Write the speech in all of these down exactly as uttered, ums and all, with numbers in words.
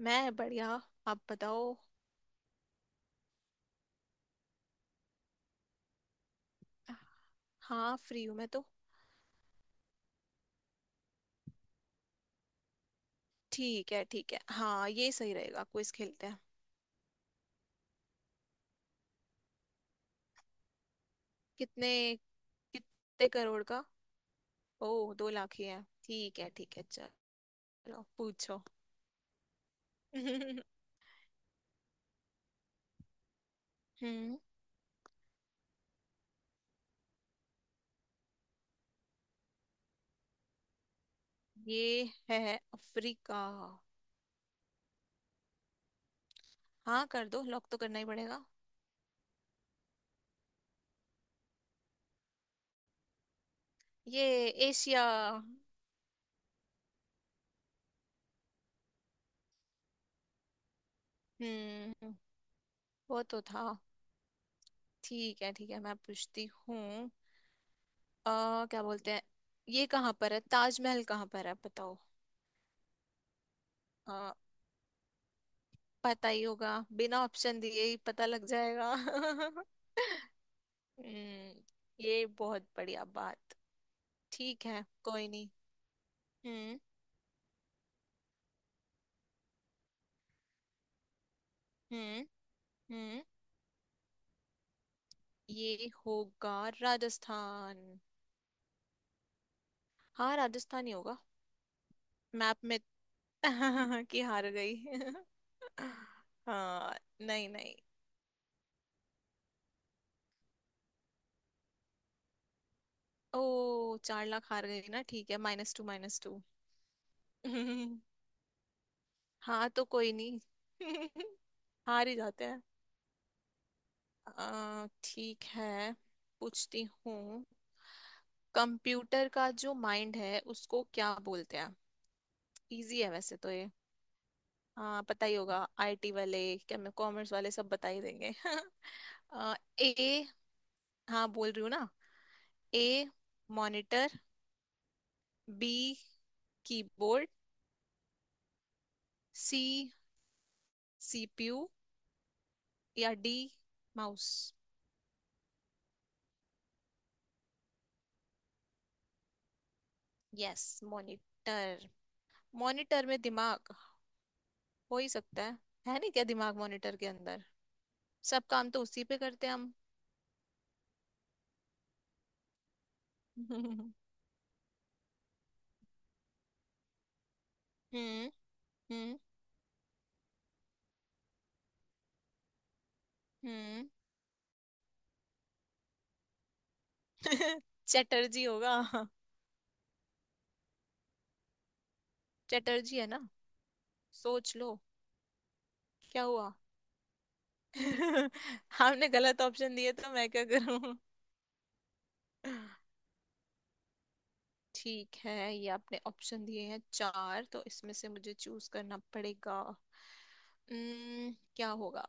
मैं बढ़िया। आप बताओ। हाँ फ्री हूँ मैं तो। ठीक है ठीक है, हाँ ये सही रहेगा, क्विज खेलते हैं। कितने कितने करोड़ का? ओ दो लाख ही है, ठीक है ठीक है चलो। पूछो। हम्म। ये है अफ्रीका। हाँ कर दो, लॉक तो करना ही पड़ेगा। ये एशिया। हम्म। वो तो था। ठीक है ठीक है, मैं पूछती हूँ। आ क्या बोलते हैं? ये कहाँ पर है ताजमहल कहाँ पर है, बताओ। पता ही होगा, बिना ऑप्शन दिए ही पता लग जाएगा। हम्म। ये बहुत बढ़िया बात। ठीक है, कोई नहीं। हम्म हम्म हम्म। ये होगा राजस्थान। हाँ राजस्थान ही होगा। मैप में। कि हार गई। हाँ। नहीं नहीं। ओ चार लाख हार गई ना, ठीक है माइनस टू माइनस टू। हाँ तो कोई नहीं। हार ही जाते हैं। अ, ठीक है, पूछती हूँ। कंप्यूटर का जो माइंड है उसको क्या बोलते हैं? इजी है वैसे तो ये। हाँ पता ही होगा, आईटी वाले क्या, मैं कॉमर्स वाले सब बता ही देंगे। ए। हाँ बोल रही हूँ ना। A monitor, B keyboard, C CPU, या D mouse. Yes monitor. Monitor में दिमाग हो ही सकता है। है नहीं क्या दिमाग मॉनिटर के अंदर? सब काम तो उसी पे करते हैं हम। हम्म हम्म हम्म। चटर्जी होगा। चटर्जी है ना, सोच लो। क्या हुआ? आपने गलत ऑप्शन दिए तो मैं क्या करूं? ठीक है, ये आपने ऑप्शन दिए हैं चार, तो इसमें से मुझे चूज करना पड़ेगा। उम्म, क्या होगा?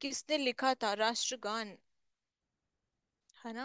किसने लिखा था राष्ट्रगान, है ना?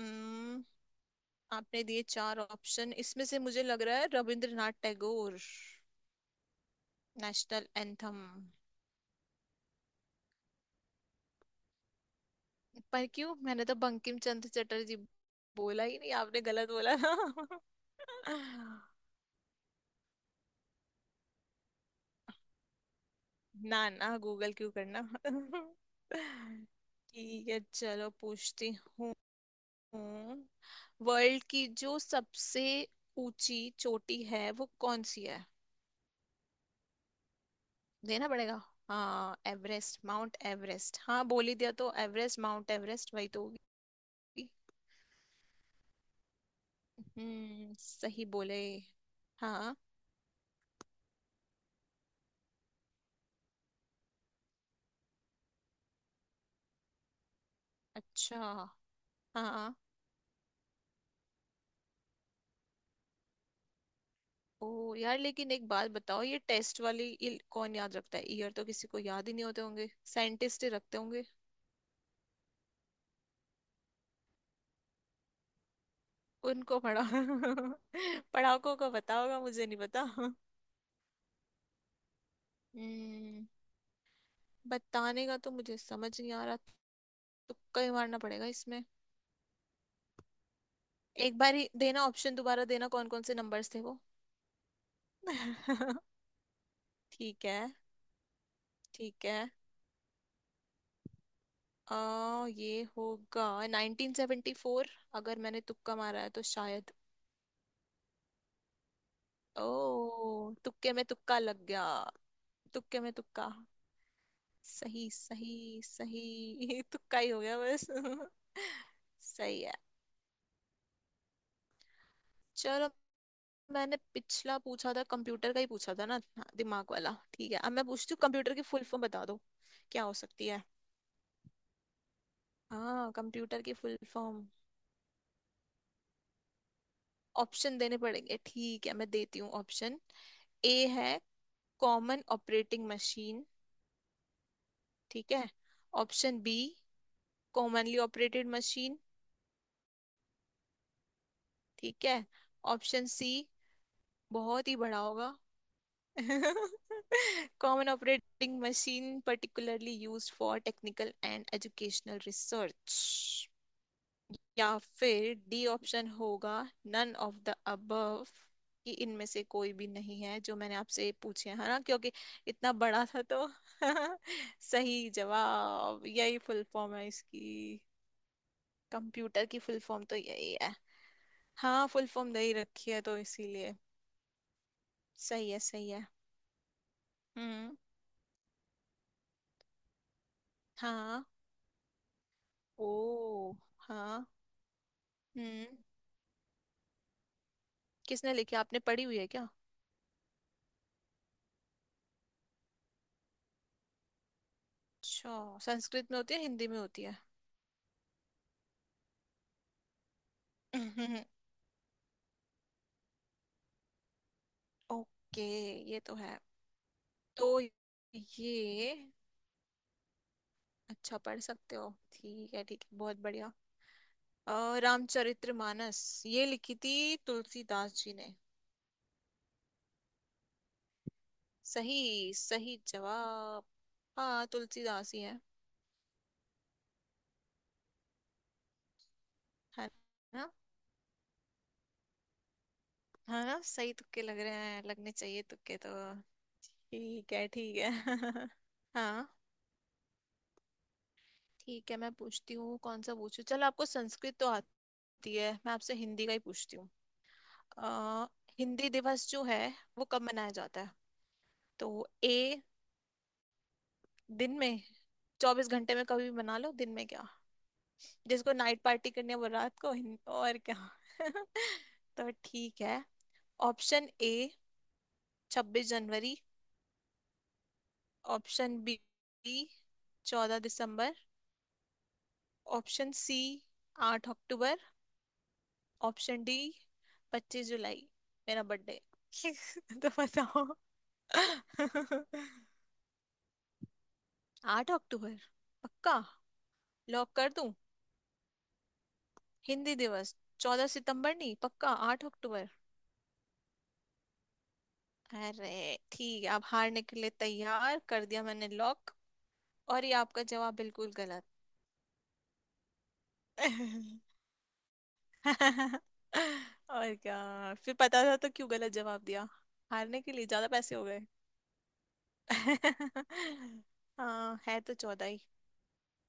उम्म, आपने दिए चार ऑप्शन, इसमें से मुझे लग रहा है रविंद्रनाथ टैगोर, नेशनल एंथम। पर क्यों, मैंने तो बंकिम चंद्र चटर्जी बोला ही नहीं, आपने गलत बोला ना। ना ना, गूगल क्यों करना। ठीक है, चलो पूछती हूँ। वर्ल्ड की जो सबसे ऊंची चोटी है वो कौन सी है? देना पड़ेगा। हाँ एवरेस्ट माउंट एवरेस्ट, हाँ बोल ही दिया तो एवरेस्ट माउंट एवरेस्ट वही तो होगी। हम्म सही बोले। हाँ। अच्छा। हाँ। ओ यार, लेकिन एक बात बताओ, ये टेस्ट वाली ये कौन याद रखता है, ईयर तो किसी को याद ही नहीं होते होंगे, साइंटिस्ट ही रखते होंगे। उनको पढ़ा, पढ़ाकों को पता होगा, मुझे नहीं पता। हम्म। बताने का तो मुझे समझ नहीं आ रहा, तुक्का ही मारना पड़ेगा इसमें। एक बार ही देना ऑप्शन, दोबारा देना कौन कौन से नंबर्स थे वो। ठीक है। ठीक है। आ, ये होगा नाइन्टीन सेवेंटी फोर, अगर मैंने तुक्का मारा है तो शायद। ओ तुक्के में तुक्का लग गया। तुक्के में तुक्का। सही सही सही। तुक्का ही हो गया बस। सही है। चलो। मैंने पिछला पूछा था, कंप्यूटर का ही पूछा था ना, हाँ, दिमाग वाला। ठीक है, अब मैं पूछती हूँ कंप्यूटर की फुल फॉर्म बता दो, क्या हो सकती है। हाँ कंप्यूटर की फुल फॉर्म। ऑप्शन देने पड़ेंगे, ठीक है मैं देती हूँ ऑप्शन। ए है कॉमन ऑपरेटिंग मशीन, ठीक है। Option B, commonly operated machine, ठीक है। ऑप्शन सी बहुत ही बड़ा होगा। Common operating machine particularly used for technical and educational research. या फिर डी ऑप्शन होगा, नन ऑफ द अबव, कि इनमें से कोई भी नहीं है जो मैंने आपसे पूछे हैं, है ना, क्योंकि इतना बड़ा था तो। सही जवाब, यही फुल फॉर्म है इसकी। कंप्यूटर की फुल फॉर्म तो यही है, हाँ, फुल फॉर्म दे ही रखी है तो इसीलिए। सही है सही है। हम्म। हाँ। ओ। हाँ। हम्म। किसने लिखी, आपने पढ़ी हुई है क्या? अच्छा, संस्कृत में होती है हिंदी में होती है? ओके। ये तो है, तो ये। अच्छा पढ़ सकते हो, ठीक है ठीक है, बहुत बढ़िया। अ, रामचरितमानस ये लिखी थी तुलसीदास जी ने। सही सही जवाब। हाँ तुलसीदास ही है। है ना। हाँ ना, सही तुक्के लग रहे हैं, लगने चाहिए तुक्के तो। ठीक है ठीक है। हाँ। ठीक है मैं पूछती हूँ, कौन सा पूछूं, चलो, आपको संस्कृत तो आती है, मैं आपसे हिंदी का ही पूछती हूँ। अ, हिंदी दिवस जो है वो कब मनाया जाता है? तो ए दिन में, चौबीस घंटे में कभी भी मना लो, दिन में क्या, जिसको नाइट पार्टी करनी है वो रात को हिं- और क्या। तो ठीक है। ऑप्शन ए छब्बीस जनवरी, ऑप्शन बी चौदह दिसंबर, ऑप्शन सी आठ अक्टूबर, ऑप्शन डी पच्चीस जुलाई, मेरा बर्थडे। तो बताओ। आठ अक्टूबर पक्का। लॉक कर दूं? हिंदी दिवस चौदह सितंबर नहीं, पक्का आठ अक्टूबर। अरे ठीक है, आप हारने के लिए तैयार, कर दिया मैंने लॉक। और ये आपका जवाब बिल्कुल गलत। और क्या फिर, पता था तो क्यों गलत जवाब दिया, हारने के लिए ज्यादा पैसे हो गए। हाँ, है तो चौदह ही।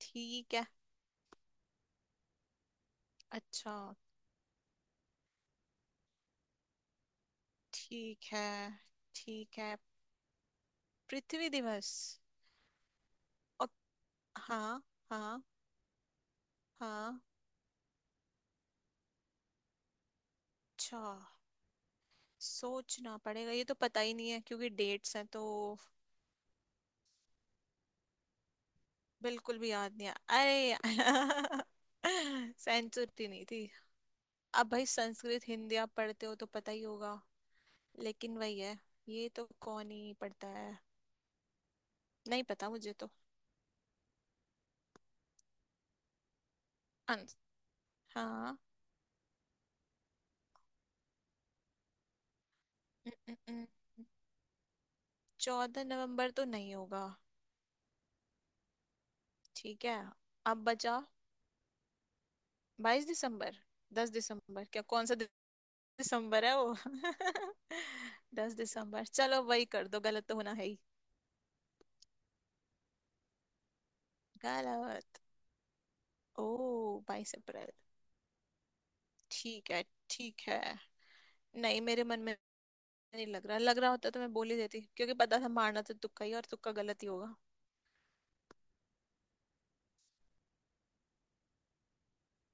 ठीक है। अच्छा। ठीक है ठीक है। पृथ्वी दिवस। और। हाँ। हाँ। हाँ। अच्छा, सोचना पड़ेगा, ये तो पता ही नहीं है क्योंकि डेट्स हैं तो। बिल्कुल भी याद नहीं आया। अरे। सेंचुरी नहीं थी। अब भाई, संस्कृत हिंदी आप पढ़ते हो तो पता ही होगा। लेकिन वही है, ये तो कौन ही पढ़ता है। नहीं पता मुझे तो। अंस- हाँ। चौदह नवंबर तो नहीं होगा। ठीक है। अब बचा बाईस दिसंबर, दस दिसंबर, क्या कौन सा दि- दिसंबर है वो। दस दिसंबर, चलो वही कर दो, गलत तो होना है ही। गलत। ओ बाईस अप्रैल। ठीक है ठीक है। नहीं मेरे मन में नहीं लग रहा, लग रहा होता तो मैं बोल ही देती, क्योंकि पता था मारना तो तुक्का ही, और तुक्का गलत ही होगा।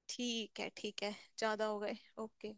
ठीक है ठीक है, ज्यादा हो गए। ओके।